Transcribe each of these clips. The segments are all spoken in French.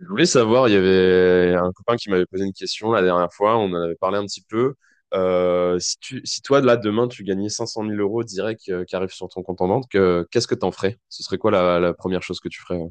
Je voulais savoir, il y avait un copain qui m'avait posé une question la dernière fois, on en avait parlé un petit peu. Si toi, là, demain, tu gagnais 500 000 euros direct qui arrivent sur ton compte en banque, qu'est-ce que t'en ferais? Ce serait quoi la première chose que tu ferais? Ouais.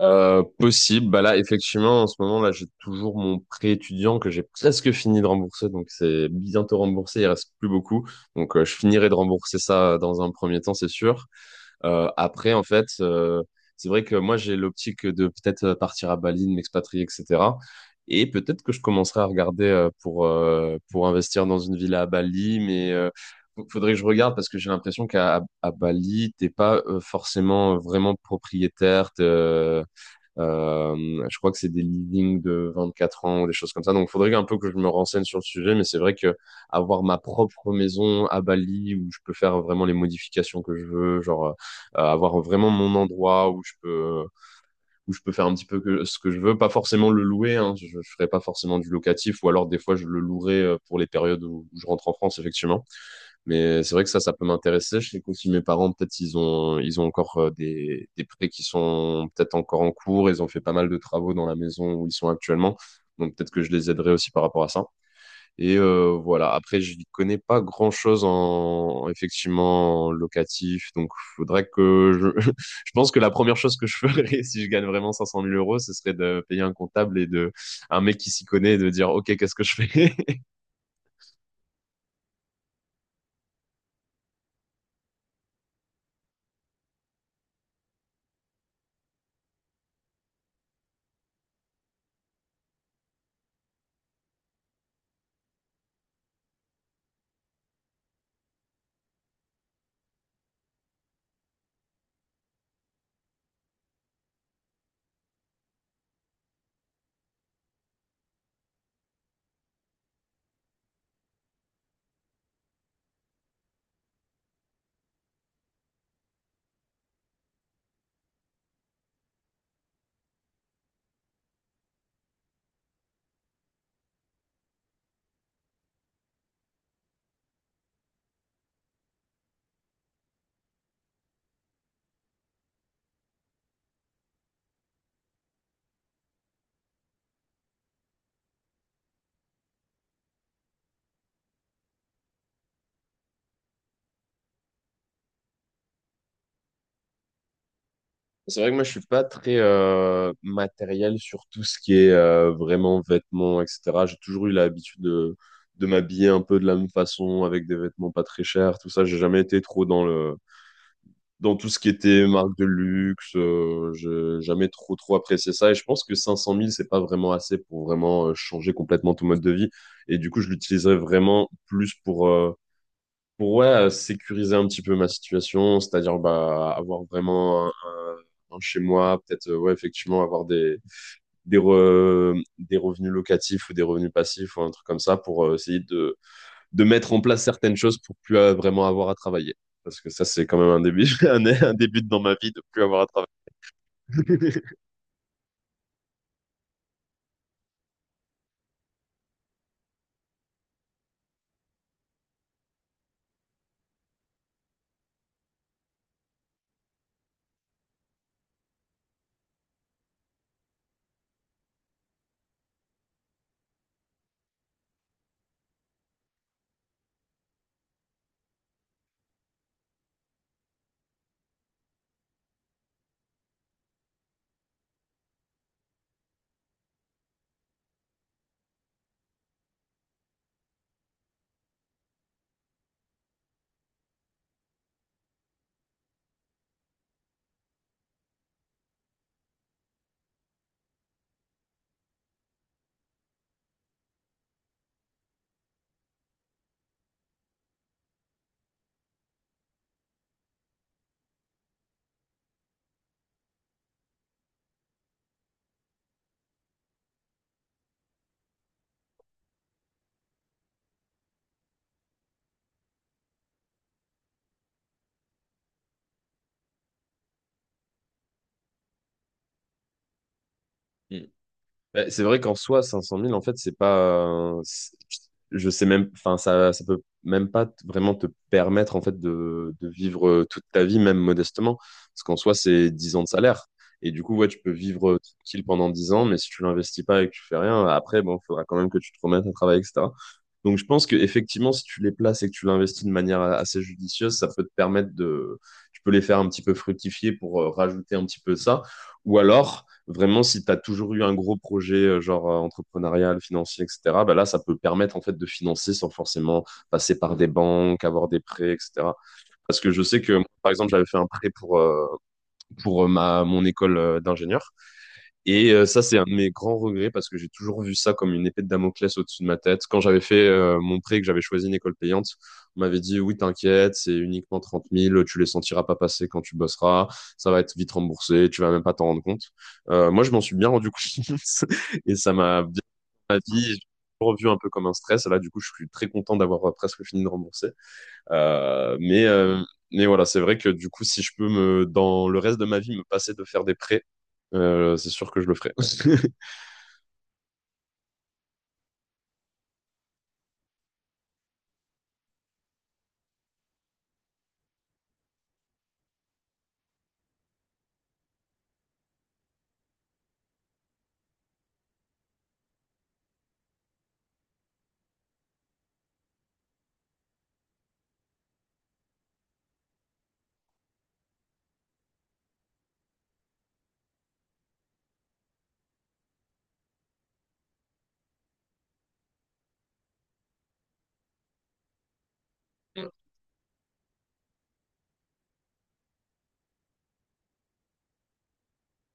Possible, bah là, effectivement, en ce moment, là, j'ai toujours mon prêt étudiant que j'ai presque fini de rembourser, donc c'est bientôt remboursé, il reste plus beaucoup. Donc, je finirai de rembourser ça dans un premier temps, c'est sûr. Après, en fait, c'est vrai que moi, j'ai l'optique de peut-être partir à Bali, de m'expatrier, etc. Et peut-être que je commencerai à regarder pour investir dans une villa à Bali, mais faudrait que je regarde parce que j'ai l'impression qu'à Bali, t'es pas forcément vraiment propriétaire. Je crois que c'est des leadings de 24 ans ou des choses comme ça. Donc, il faudrait un peu que je me renseigne sur le sujet, mais c'est vrai que avoir ma propre maison à Bali où je peux faire vraiment les modifications que je veux, genre avoir vraiment mon endroit où je peux faire un petit peu ce que je veux, pas forcément le louer. Hein, je ferai pas forcément du locatif, ou alors des fois je le louerai pour les périodes où je rentre en France, effectivement. Mais c'est vrai que ça peut m'intéresser. Je sais qu'aussi mes parents, peut-être, ils ont encore des prêts qui sont peut-être encore en cours. Ils ont fait pas mal de travaux dans la maison où ils sont actuellement. Donc peut-être que je les aiderai aussi par rapport à ça. Et voilà. Après, je n'y connais pas grand-chose en, effectivement en locatif. Donc faudrait je pense que la première chose que je ferais si je gagne vraiment 500 000 euros, ce serait de payer un comptable et de un mec qui s'y connaît et de dire, OK, qu'est-ce que je fais? C'est vrai que moi, je suis pas très matériel sur tout ce qui est vraiment vêtements, etc. J'ai toujours eu l'habitude de m'habiller un peu de la même façon, avec des vêtements pas très chers, tout ça. J'ai jamais été trop dans tout ce qui était marque de luxe. J'ai jamais trop trop apprécié ça. Et je pense que 500 000, c'est pas vraiment assez pour vraiment changer complètement ton mode de vie. Et du coup, je l'utiliserais vraiment plus pour ouais, sécuriser un petit peu ma situation, c'est-à-dire bah, avoir vraiment un chez moi, peut-être ouais, effectivement avoir des revenus locatifs ou des revenus passifs ou un truc comme ça pour essayer de mettre en place certaines choses pour plus vraiment avoir à travailler. Parce que ça, c'est quand même un début, un début dans ma vie de plus avoir à travailler. Bah, c'est vrai qu'en soi, 500 000, en fait, c'est pas, je sais même. Enfin, ça peut même pas vraiment te permettre, en fait, de vivre toute ta vie, même modestement. Parce qu'en soi, c'est 10 ans de salaire. Et du coup, ouais, tu peux vivre tranquille pendant 10 ans, mais si tu l'investis pas et que tu fais rien, après, bon, faudra quand même que tu te remettes à travailler, etc. Donc, je pense que effectivement, si tu les places et que tu l'investis de manière assez judicieuse, ça peut te permettre de. Tu peux les faire un petit peu fructifier pour rajouter un petit peu de ça. Ou alors vraiment, si tu as toujours eu un gros projet, genre entrepreneurial, financier, etc., bah là, ça peut permettre en fait de financer sans forcément passer par des banques, avoir des prêts, etc. Parce que je sais que, par exemple, j'avais fait un prêt pour mon école d'ingénieur. Et ça, c'est un de mes grands regrets parce que j'ai toujours vu ça comme une épée de Damoclès au-dessus de ma tête. Quand j'avais fait mon prêt et que j'avais choisi une école payante, on m'avait dit, oui, t'inquiète, c'est uniquement 30 000. Tu les sentiras pas passer quand tu bosseras, ça va être vite remboursé, tu vas même pas t'en rendre compte. Moi, je m'en suis bien rendu compte et ça m'a bien ma vie, j'ai revu un peu comme un stress. Et là, du coup, je suis très content d'avoir presque fini de rembourser. Euh, mais euh, mais voilà, c'est vrai que du coup, si je peux me, dans le reste de ma vie, me passer de faire des prêts, c'est sûr que je le ferai.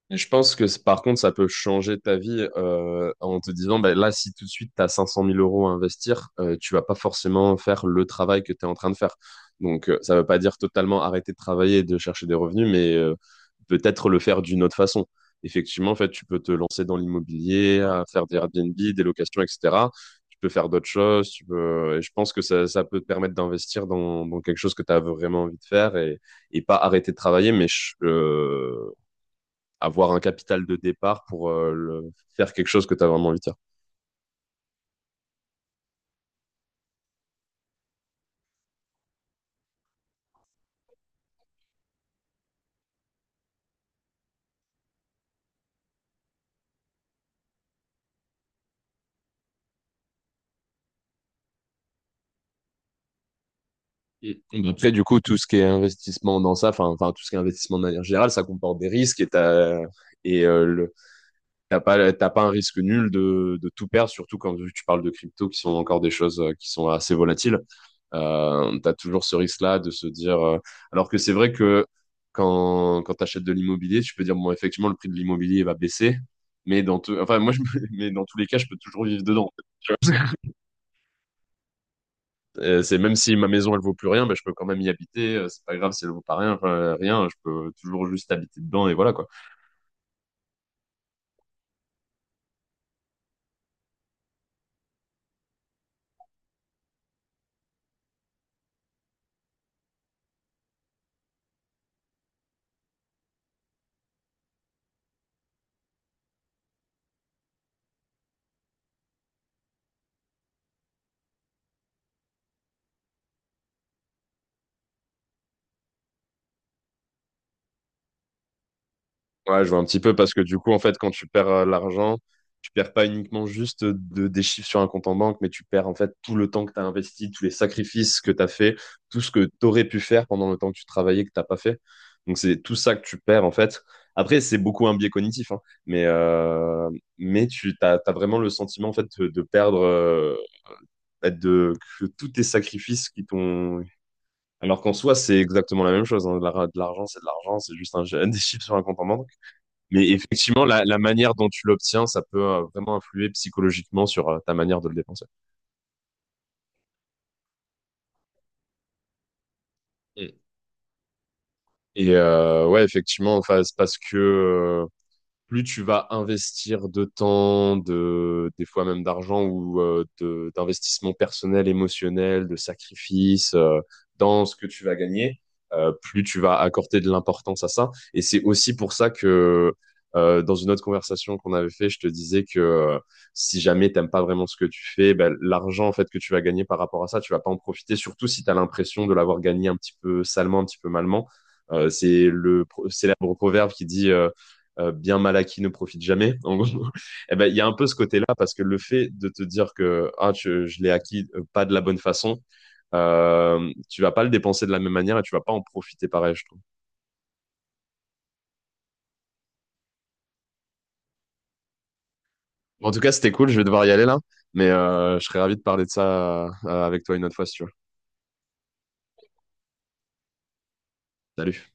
Et je pense que par contre, ça peut changer ta vie en te disant, ben là, si tout de suite, tu as 500 000 euros à investir, tu vas pas forcément faire le travail que tu es en train de faire. Donc, ça veut pas dire totalement arrêter de travailler et de chercher des revenus, mais peut-être le faire d'une autre façon. Effectivement, en fait, tu peux te lancer dans l'immobilier, à faire des Airbnb, des locations, etc. Tu peux faire d'autres choses. Tu peux. Et je pense que ça peut te permettre d'investir dans quelque chose que tu as vraiment envie de faire et pas arrêter de travailler, mais avoir un capital de départ pour faire quelque chose que tu as vraiment envie de faire. Et après, du coup, tout ce qui est investissement dans ça, enfin, tout ce qui est investissement de manière générale, ça comporte des risques et t'as, et le- t'as pas un risque nul de tout perdre, surtout quand tu parles de crypto, qui sont encore des choses qui sont assez volatiles. T'as toujours ce risque-là de se dire, alors que c'est vrai que quand t'achètes de l'immobilier, tu peux dire, bon, effectivement, le prix de l'immobilier va baisser, mais dans tout, enfin, moi, je me- mais dans tous les cas, je peux toujours vivre dedans. C'est même si ma maison elle vaut plus rien, ben, je peux quand même y habiter. C'est pas grave si elle vaut pas rien, enfin, rien. Je peux toujours juste habiter dedans et voilà quoi. Ouais, je vois un petit peu parce que du coup en fait quand tu perds l'argent, tu perds pas uniquement juste des chiffres sur un compte en banque, mais tu perds en fait tout le temps que tu as investi, tous les sacrifices que tu as fait, tout ce que tu aurais pu faire pendant le temps que tu travaillais que t'as pas fait. Donc c'est tout ça que tu perds en fait. Après c'est beaucoup un biais cognitif, hein, mais euh, mais t'as vraiment le sentiment en fait de perdre, de, que tous tes sacrifices qui t'ont. Alors qu'en soi, c'est exactement la même chose, hein. De l'argent, c'est de l'argent, c'est juste des chiffres sur un compte en banque. Mais effectivement, la manière dont tu l'obtiens, ça peut vraiment influer psychologiquement sur ta manière de le dépenser. Mm. Et ouais, effectivement, enfin, c'est parce que plus tu vas investir de temps, des fois même d'argent ou d'investissement personnel, émotionnel, de sacrifice dans ce que tu vas gagner, plus tu vas accorder de l'importance à ça. Et c'est aussi pour ça que dans une autre conversation qu'on avait fait, je te disais que si jamais t'aimes pas vraiment ce que tu fais, ben, l'argent en fait que tu vas gagner par rapport à ça, tu vas pas en profiter, surtout si tu as l'impression de l'avoir gagné un petit peu salement, un petit peu malement. C'est le célèbre proverbe qui dit bien mal acquis ne profite jamais. En gros, eh ben il y a un peu ce côté-là parce que le fait de te dire que ah je l'ai acquis pas de la bonne façon, tu vas pas le dépenser de la même manière et tu vas pas en profiter pareil, je trouve. Bon, en tout cas, c'était cool. Je vais devoir y aller là, mais je serais ravi de parler de ça avec toi une autre fois si tu veux. Salut.